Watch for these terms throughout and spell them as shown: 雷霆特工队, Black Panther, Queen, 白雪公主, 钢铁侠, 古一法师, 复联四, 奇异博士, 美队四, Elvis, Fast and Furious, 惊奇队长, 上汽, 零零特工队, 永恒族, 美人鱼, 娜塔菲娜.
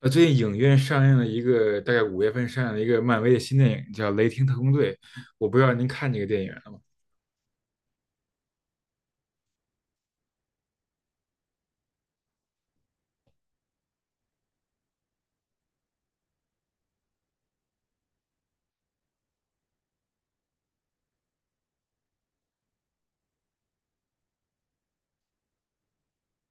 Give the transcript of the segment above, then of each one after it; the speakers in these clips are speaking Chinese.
最近影院上映了一个，大概5月份上映了一个漫威的新电影，叫《雷霆特工队》。我不知道您看这个电影了吗？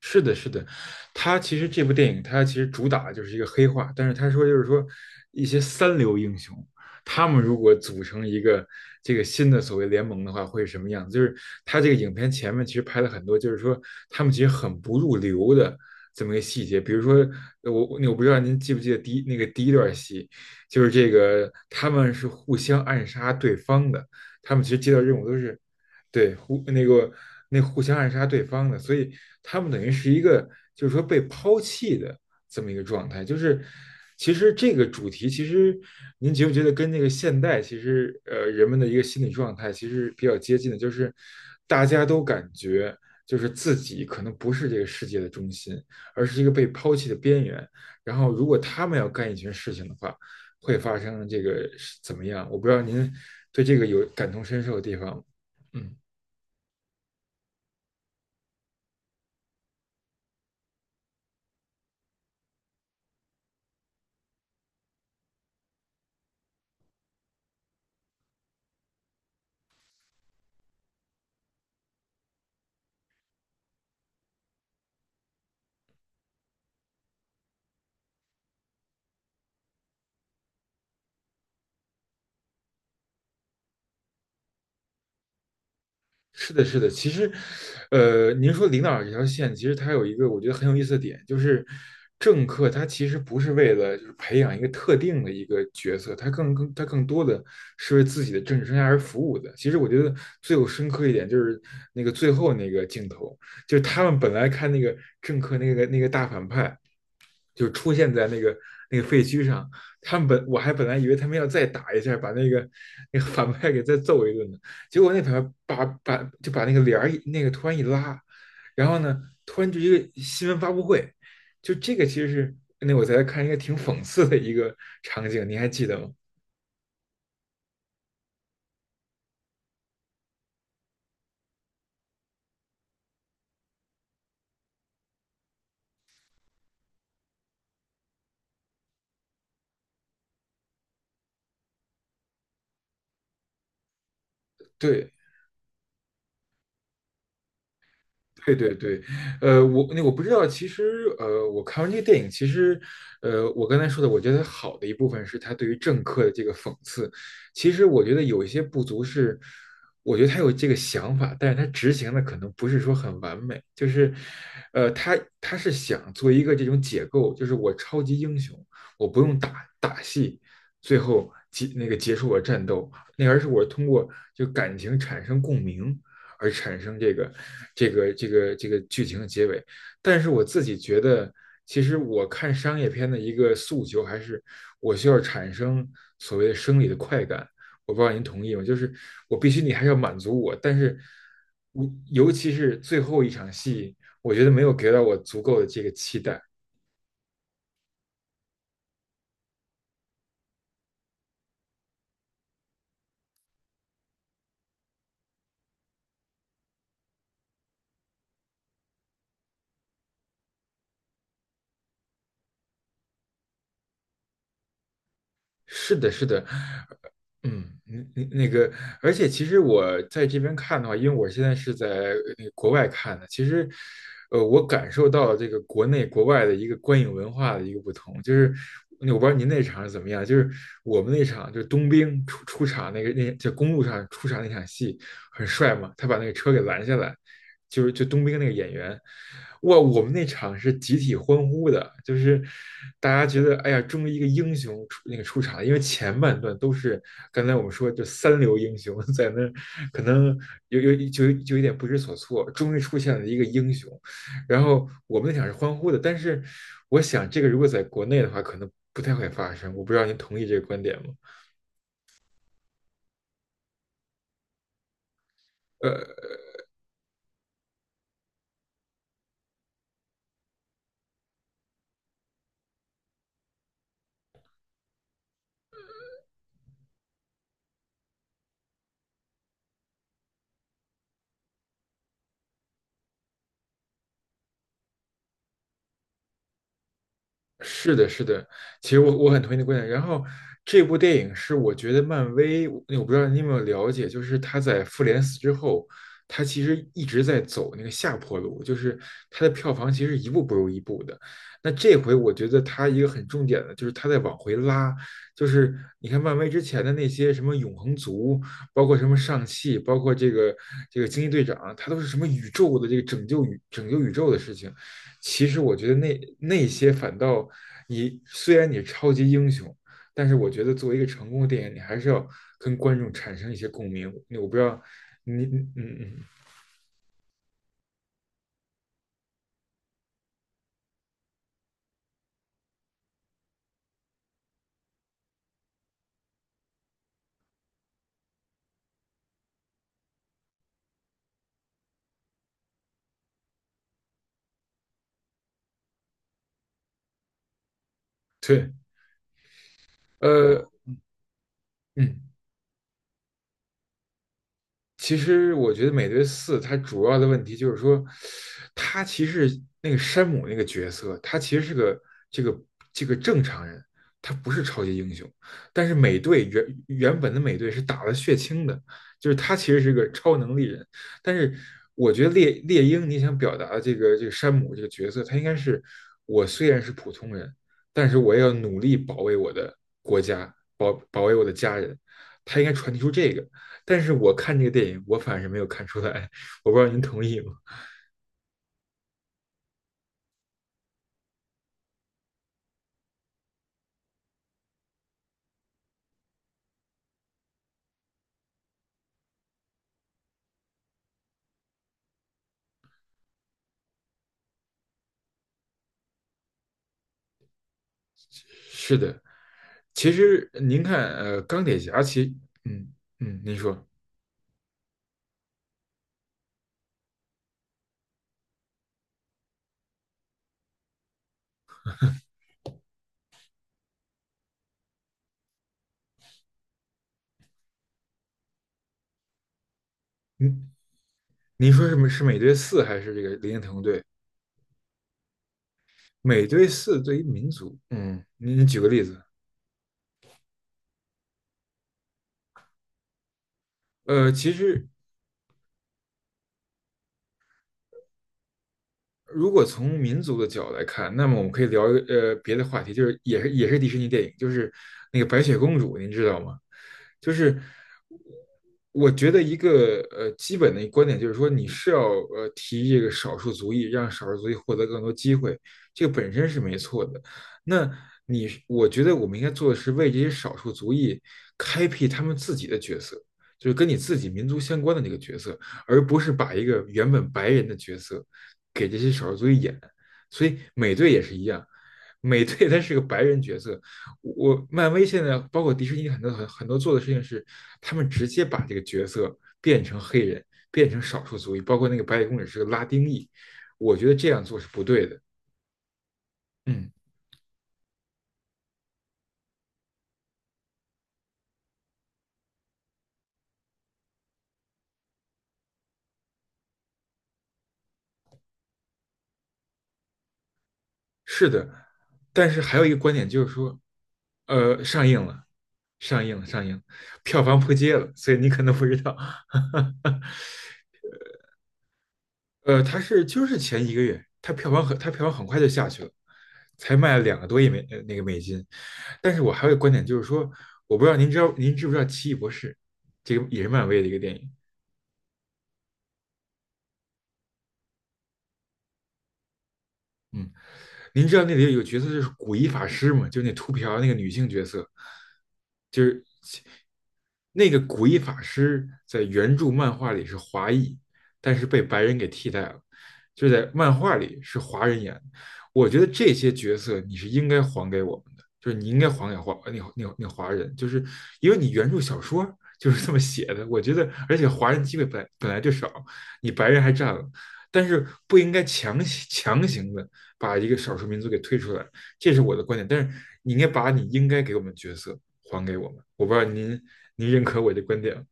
是的，是的，他其实这部电影，他其实主打的就是一个黑化，但是他说就是说一些三流英雄，他们如果组成一个这个新的所谓联盟的话，会是什么样子？就是他这个影片前面其实拍了很多，就是说他们其实很不入流的这么一个细节，比如说呃我我不知道您记不记得第一段戏，就是这个他们是互相暗杀对方的，他们其实接到任务都是。对，互那个那互相暗杀对方的，所以他们等于是一个就是说被抛弃的这么一个状态。就是其实这个主题，其实您觉不觉得跟那个现代其实人们的一个心理状态其实比较接近的，就是大家都感觉就是自己可能不是这个世界的中心，而是一个被抛弃的边缘。然后如果他们要干一件事情的话，会发生这个是怎么样？我不知道您对这个有感同身受的地方吗？嗯。是的，是的。其实，您说领导这条线，其实它有一个我觉得很有意思的点，就是政客他其实不是为了就是培养一个特定的一个角色，他更多的是为自己的政治生涯而服务的。其实我觉得最有深刻一点就是那个最后那个镜头，就是他们本来看那个政客那个大反派，就出现在那个废墟上。他们本我还本来以为他们要再打一下，把那个反派给再揍一顿呢。结果那反派把那个帘儿那个突然一拉，然后呢，突然就一个新闻发布会，就这个其实是那我在看一个挺讽刺的一个场景，你还记得吗？对，对对对，我不知道，其实我看完这个电影，其实我刚才说的，我觉得好的一部分是他对于政客的这个讽刺。其实我觉得有一些不足是，我觉得他有这个想法，但是他执行的可能不是说很完美。就是，他是想做一个这种解构，就是我超级英雄，我不用打戏，最后结那个结束我战斗，那而是我通过就感情产生共鸣，而产生这个剧情的结尾。但是我自己觉得，其实我看商业片的一个诉求还是我需要产生所谓的生理的快感。我不知道您同意吗？就是我必须你还是要满足我，但是我尤其是最后一场戏，我觉得没有给到我足够的这个期待。是的，是的，嗯，那个，而且其实我在这边看的话，因为我现在是在那个国外看的，其实，我感受到了这个国内国外的一个观影文化的一个不同，就是那我不知道您那场是怎么样，就是我们那场就是冬兵出场那个那就公路上出场那场戏，很帅嘛，他把那个车给拦下来，就冬兵那个演员，哇，我们那场是集体欢呼的，就是大家觉得哎呀，终于一个英雄出那个出场了。因为前半段都是刚才我们说就三流英雄 在那可能有有就就有点不知所措，终于出现了一个英雄，然后我们那场是欢呼的，但是我想这个如果在国内的话，可能不太会发生，我不知道您同意这个观点吗？呃，是的，是的，其实我很同意你的观点。然后这部电影是我觉得漫威，我不知道你有没有了解，就是他在复联4之后，他其实一直在走那个下坡路，就是他的票房其实一步不如一步的。那这回我觉得他一个很重点的就是他在往回拉，就是你看漫威之前的那些什么永恒族，包括什么上汽，包括这个惊奇队长，他都是什么宇宙的这个拯救宇宙的事情。其实我觉得那些反倒你虽然你超级英雄，但是我觉得作为一个成功的电影，你还是要跟观众产生一些共鸣。我不知道你。嗯嗯嗯。对，呃嗯。其实我觉得《美队四》它主要的问题就是说，他其实那个山姆那个角色，他其实是个这个这个正常人，他不是超级英雄。但是美队原本的美队是打了血清的，就是他其实是个超能力人。但是我觉得猎鹰你想表达的这个山姆这个角色，他应该是我虽然是普通人，但是我也要努力保卫我的国家，保卫我的家人。他应该传递出这个。但是我看这个电影，我反是没有看出来，我不知道您同意吗？是的，其实您看，钢铁侠其实，嗯嗯，您说，您您说是美队四还是这个零零特工队？美队四对于民族，嗯，您举个例子，其实如果从民族的角度来看，那么我们可以聊一个别的话题，就是也是迪士尼电影，就是那个白雪公主，您知道吗？就是我觉得一个基本的观点就是说，你是要提这个少数族裔，让少数族裔获得更多机会，这个本身是没错的。那你我觉得我们应该做的是为这些少数族裔开辟他们自己的角色，就是跟你自己民族相关的那个角色，而不是把一个原本白人的角色。给这些少数族裔演，所以美队也是一样，美队他是个白人角色，我漫威现在包括迪士尼很多做的事情是，他们直接把这个角色变成黑人，变成少数族裔，包括那个白雪公主是个拉丁裔，我觉得这样做是不对的。嗯，是的，但是还有一个观点就是说，上映了，上映了，上映了。票房破街了，所以你可能不知道。它是就是前一个月，它票房很快就下去了，才卖了两个多亿美呃那个美金。但是我还有一个观点就是说，我不知道您知不知道《奇异博士》这个也是漫威的一个电影，嗯，您知道那里有一个角色就是古一法师吗？就那秃瓢那个女性角色，就是那个古一法师在原著漫画里是华裔，但是被白人给替代了，就在漫画里是华人演的。我觉得这些角色你是应该还给我们的，就是你应该还给华那那那华人，就是因为你原著小说就是这么写的。我觉得，而且华人机会本来就少，你白人还占了，但是不应该强行的把一个少数民族给推出来，这是我的观点。但是你应该把你应该给我们的角色还给我们。我不知道您认可我的观点。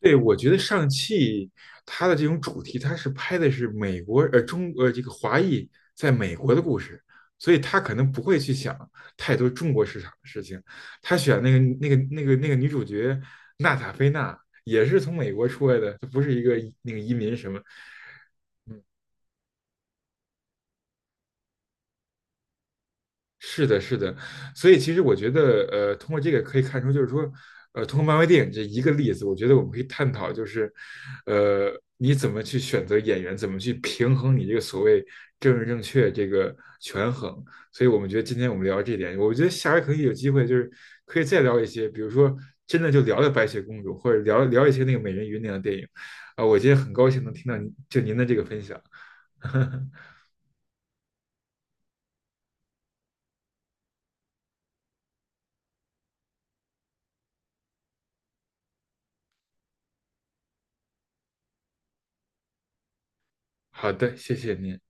对，我觉得上汽它的这种主题，它是拍的是美国呃中呃这个华裔在美国的故事，所以他可能不会去想太多中国市场的事情。他选那个女主角娜塔菲娜也是从美国出来的，她不是一个那个移民什么，是的，是的，所以其实我觉得，通过这个可以看出，就是说，通过漫威电影这一个例子，我觉得我们可以探讨，就是，呃，你怎么去选择演员，怎么去平衡你这个所谓政治正确这个权衡。所以我们觉得今天我们聊这点，我觉得下回可以有机会，就是可以再聊一些，比如说真的就聊聊白雪公主，或者聊聊一些那个美人鱼那样的电影。啊，我今天很高兴能听到您就您的这个分享。好的，谢谢您。